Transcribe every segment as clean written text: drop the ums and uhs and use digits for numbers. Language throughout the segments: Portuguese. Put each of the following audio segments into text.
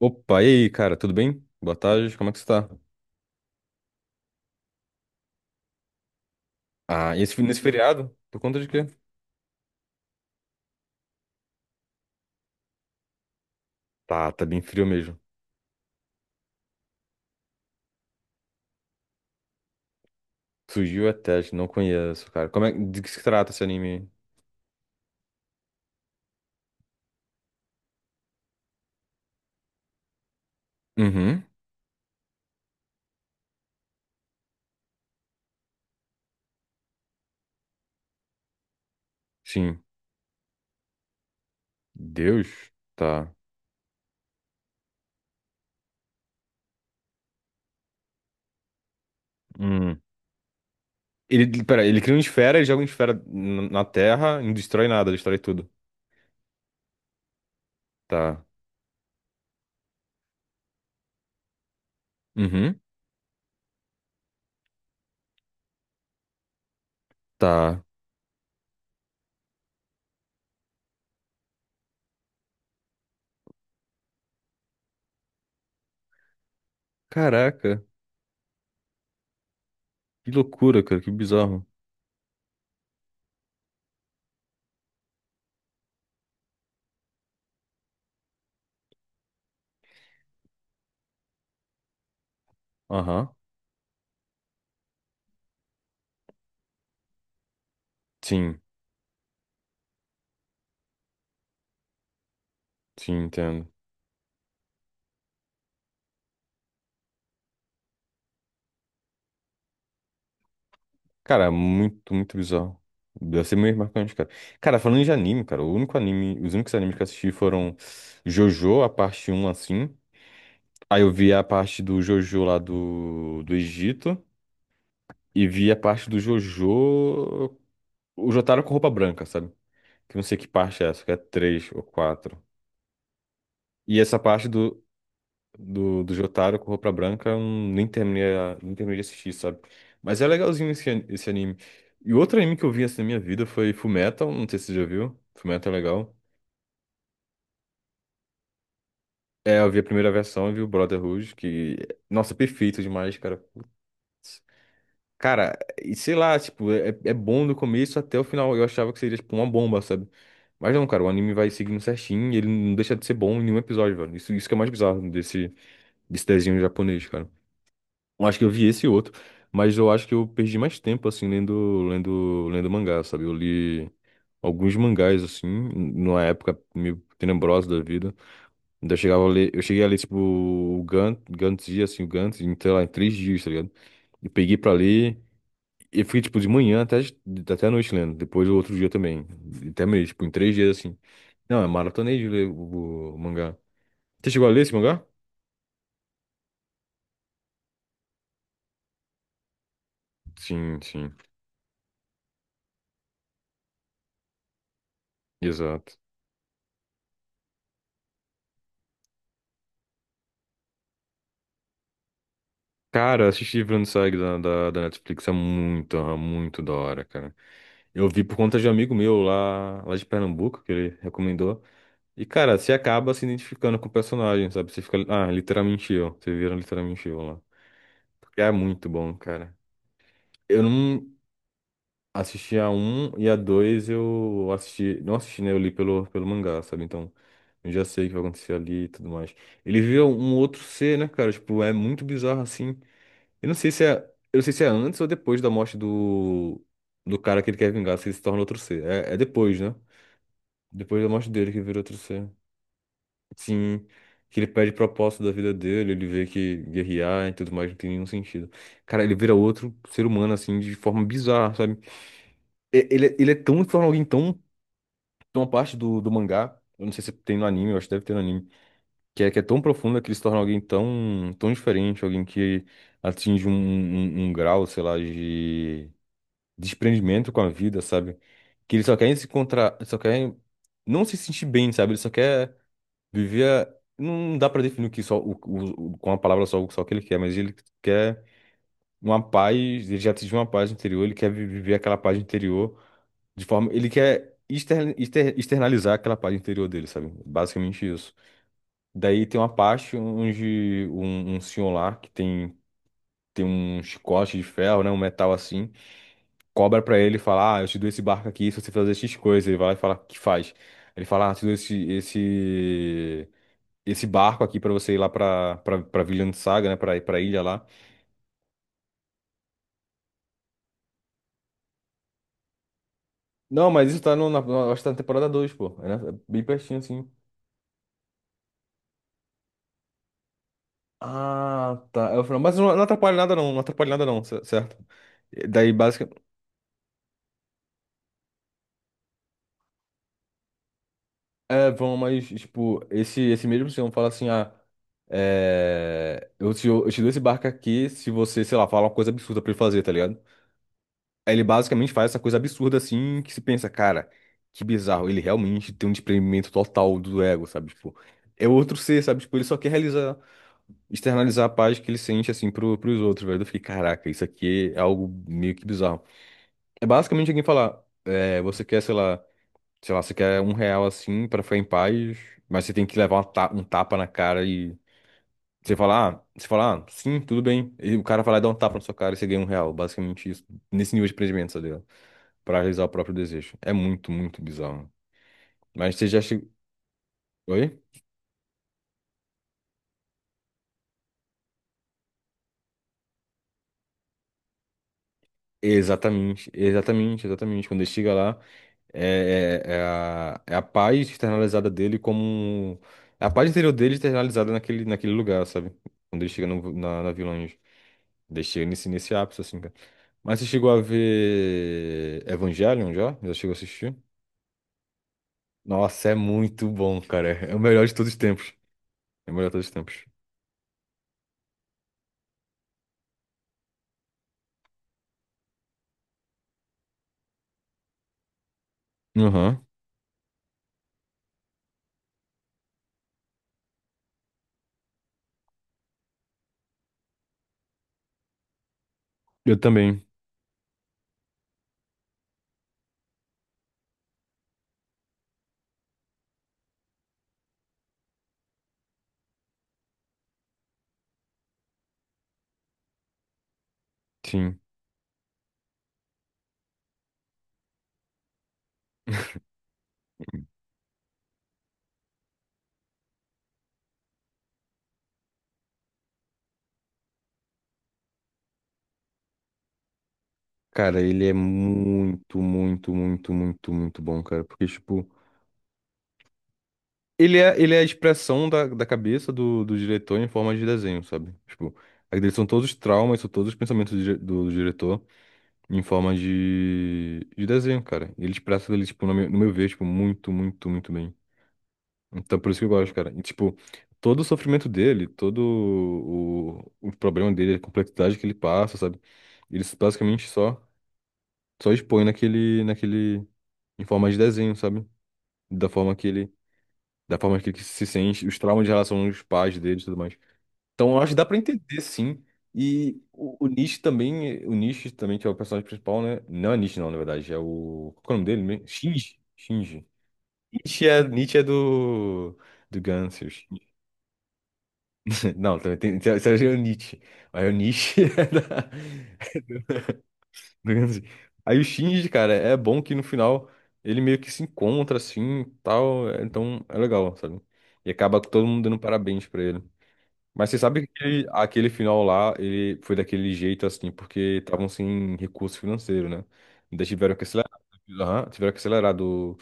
Opa, e aí, cara, tudo bem? Boa tarde, como é que você tá? Ah, nesse feriado? Por conta de quê? Tá bem frio mesmo. Surgiu até, não conheço, cara. Como é, de que se trata esse anime? Uhum, sim. Deus? Tá. Hum. Pera, ele cria uma esfera e joga uma esfera na Terra e não destrói nada, destrói tudo. Tá. Uhum, tá. Caraca, que loucura, cara, que bizarro. Aham, sim, sim, entendo. Cara, muito, muito bizarro. Deve ser meio marcante, cara. Cara, falando de anime, cara, os únicos animes que eu assisti foram JoJo, a parte um assim. Aí eu vi a parte do JoJo lá do Egito. E vi a parte do JoJo. O Jotaro com roupa branca, sabe? Que eu não sei que parte é essa, que é 3 ou quatro. E essa parte do Jotaro com roupa branca, eu nem terminei de assistir, sabe? Mas é legalzinho esse anime. E outro anime que eu vi assim na minha vida foi Fullmetal, não sei se você já viu. Fullmetal é legal. É, eu vi a primeira versão e vi o Brotherhood, que, nossa, perfeito demais, cara. Putz. Cara, e sei lá, tipo, é bom do começo até o final. Eu achava que seria, tipo, uma bomba, sabe? Mas não, cara, o anime vai seguindo certinho e ele não deixa de ser bom em nenhum episódio, velho. Isso que é mais bizarro desse desenho japonês, cara. Eu acho que eu vi esse e outro, mas eu acho que eu perdi mais tempo, assim, lendo mangá, sabe? Eu li alguns mangás, assim, numa época meio tenebrosa da vida. Ainda chegava a ler, eu cheguei a ler, tipo, o Gantz, Gantz Dia, assim, o Gantz, em, sei lá, em 3 dias, tá ligado? E peguei pra ler, e fui, tipo, de manhã até a noite lendo, depois o outro dia também, até mesmo, tipo, em 3 dias, assim. Não, é maratonei de ler o mangá. Você chegou a ler esse mangá? Sim, sim, exato. Cara, eu assisti Vinland Saga da Netflix, é muito da hora, cara. Eu vi por conta de um amigo meu lá de Pernambuco, que ele recomendou. E, cara, você acaba se identificando com o personagem, sabe? Você fica, ah, literalmente eu. Você vira literalmente eu lá. Porque é muito bom, cara. Eu não assisti a um e a dois eu assisti. Não assisti, né? Eu li pelo mangá, sabe? Então, eu já sei o que vai acontecer ali e tudo mais. Ele vira um outro ser, né, cara? Tipo, é muito bizarro assim. Eu não sei se é, eu não sei se é antes ou depois da morte do cara que ele quer vingar, se ele se torna outro ser. É depois, né? Depois da morte dele que vira outro ser. Sim, que ele perde propósito da vida dele, ele vê que guerrear e tudo mais não tem nenhum sentido. Cara, ele vira outro ser humano, assim, de forma bizarra, sabe? Ele é tão, de forma alguém tão, tão a parte do mangá, eu não sei se tem no anime, eu acho que deve ter no anime, que é tão profunda que ele se torna alguém tão, tão diferente, alguém que atinge um grau, sei lá, de desprendimento com a vida, sabe? Que eles só querem se encontrar, só querem não se sentir bem, sabe? Ele só quer viver. Não dá pra definir o que só o, com a palavra só o que ele quer, mas ele quer uma paz, ele já atingiu uma paz interior, ele quer viver aquela paz interior de forma, ele quer externalizar aquela paz interior dele, sabe? Basicamente isso. Daí tem uma parte onde um senhor lá que tem um chicote de ferro, né, um metal assim, cobra pra ele e fala: Ah, eu te dou esse barco aqui se você fazer X coisas. Ele vai lá e fala: O que faz? Ele fala: Ah, eu te dou esse barco aqui pra você ir lá pra Vinland Saga, né? Pra ilha lá. Não, mas isso tá no, na, na- acho que tá na temporada dois, pô. É, né? É bem pertinho assim. Ah, tá. Eu falo, mas não, não atrapalha nada não, não atrapalha nada não, certo? E daí, basicamente. É, vão, mas, tipo, esse mesmo senhor fala assim: Ah. É, eu te dou esse barco aqui se você, sei lá, falar uma coisa absurda pra ele fazer, tá ligado? Aí ele basicamente faz essa coisa absurda assim, que se pensa, cara, que bizarro. Ele realmente tem um desprendimento total do ego, sabe? Tipo, é outro ser, sabe? Tipo, ele só quer realizar, externalizar a paz que ele sente assim pros outros, velho. Eu fiquei, caraca, isso aqui é algo meio que bizarro. É basicamente alguém falar, é, você quer, sei lá, você quer um real assim pra ficar em paz, mas você tem que levar uma um tapa na cara e você falar, ah, sim, tudo bem. E o cara vai lá e dá um tapa na sua cara e você ganha um real. Basicamente isso, nesse nível de empreendimento, sabe? Para realizar o próprio desejo. É muito, muito bizarro. Mas você já chegou. Oi? Exatamente, exatamente, exatamente. Quando ele chega lá, é a paz externalizada dele como. Um, é a paz interior dele externalizada naquele lugar, sabe? Quando ele chega na Village. Ele chega nesse ápice, assim, cara. Mas você chegou a ver Evangelion já? Já chegou a assistir? Nossa, é muito bom, cara. É o melhor de todos os tempos. É o melhor de todos os tempos. Aham. Eu também, sim. Cara, ele é muito, muito, muito, muito, muito bom, cara. Porque, tipo, ele é a expressão da cabeça do diretor em forma de desenho, sabe? Tipo, aí dele são todos os traumas, são todos os pensamentos do diretor em forma de desenho, cara. E ele expressa ele, tipo, no meu ver, tipo, muito, muito, muito bem. Então, por isso que eu gosto, cara. E, tipo, todo o sofrimento dele, todo o problema dele, a complexidade que ele passa, sabe? Ele basicamente só expõe naquele. Em forma de desenho, sabe? Da forma que ele, da forma que ele se sente, os traumas de relação aos pais dele e tudo mais. Então, eu acho que dá pra entender, sim. E o Nietzsche também, que é o personagem principal, né? Não é Nietzsche, não, na verdade, é o... Qual que é o nome dele mesmo? Shinji. Shinji. Nietzsche é do... Do Guns. Não, também tem o Nietzsche. Mas o Nietzsche é da... Digamos assim. Aí o Shinji, cara, é bom que no final ele meio que se encontra assim, tal, então é legal, sabe? E acaba todo mundo dando parabéns pra ele. Mas você sabe que aquele final lá, ele foi daquele jeito assim, porque estavam sem recurso financeiro, né? Ainda tiveram que acelerar, aham, tiveram que acelerar do,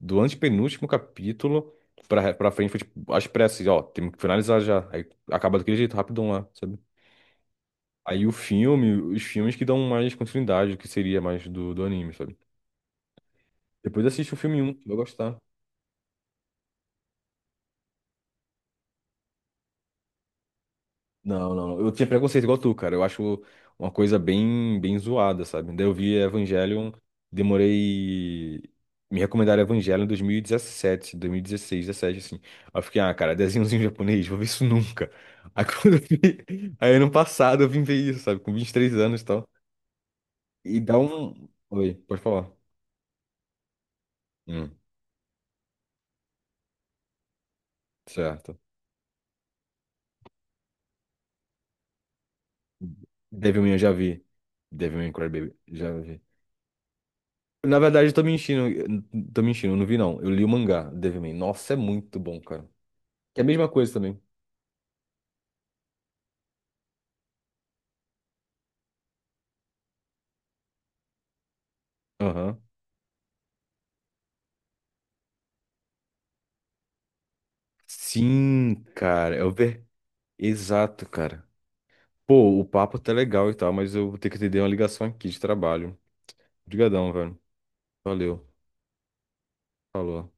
do antepenúltimo capítulo pra frente, foi tipo, às pressas, ó, temos que finalizar já. Aí acaba daquele jeito, rapidão lá, sabe? Aí o filme, os filmes que dão mais continuidade, o que seria mais do anime, sabe? Depois assiste o filme um tu vai gostar. Não, não, não. Eu tinha preconceito igual tu, cara. Eu acho uma coisa bem, bem zoada, sabe? Daí eu vi Evangelion, demorei. Me recomendaram Evangelion em 2017, 2016 2017 assim. Aí eu fiquei, ah, cara, desenhozinho japonês, vou ver isso nunca. Aí quando eu vi. Aí ano passado eu vim ver isso, sabe? Com 23 anos e tal. E dá um. Oi, pode falar. Hum, certo. Devilman eu já vi. Devilman Crybaby, já vi. Na verdade, eu tô mentindo. Eu não vi não. Eu li o mangá, Devilman. Nossa, é muito bom, cara. Que é a mesma coisa também. Aham. Sim, cara. Eu ver. Exato, cara. Pô, o papo tá legal e tal, mas eu vou ter que atender uma ligação aqui de trabalho. Obrigadão, velho. Valeu. Falou.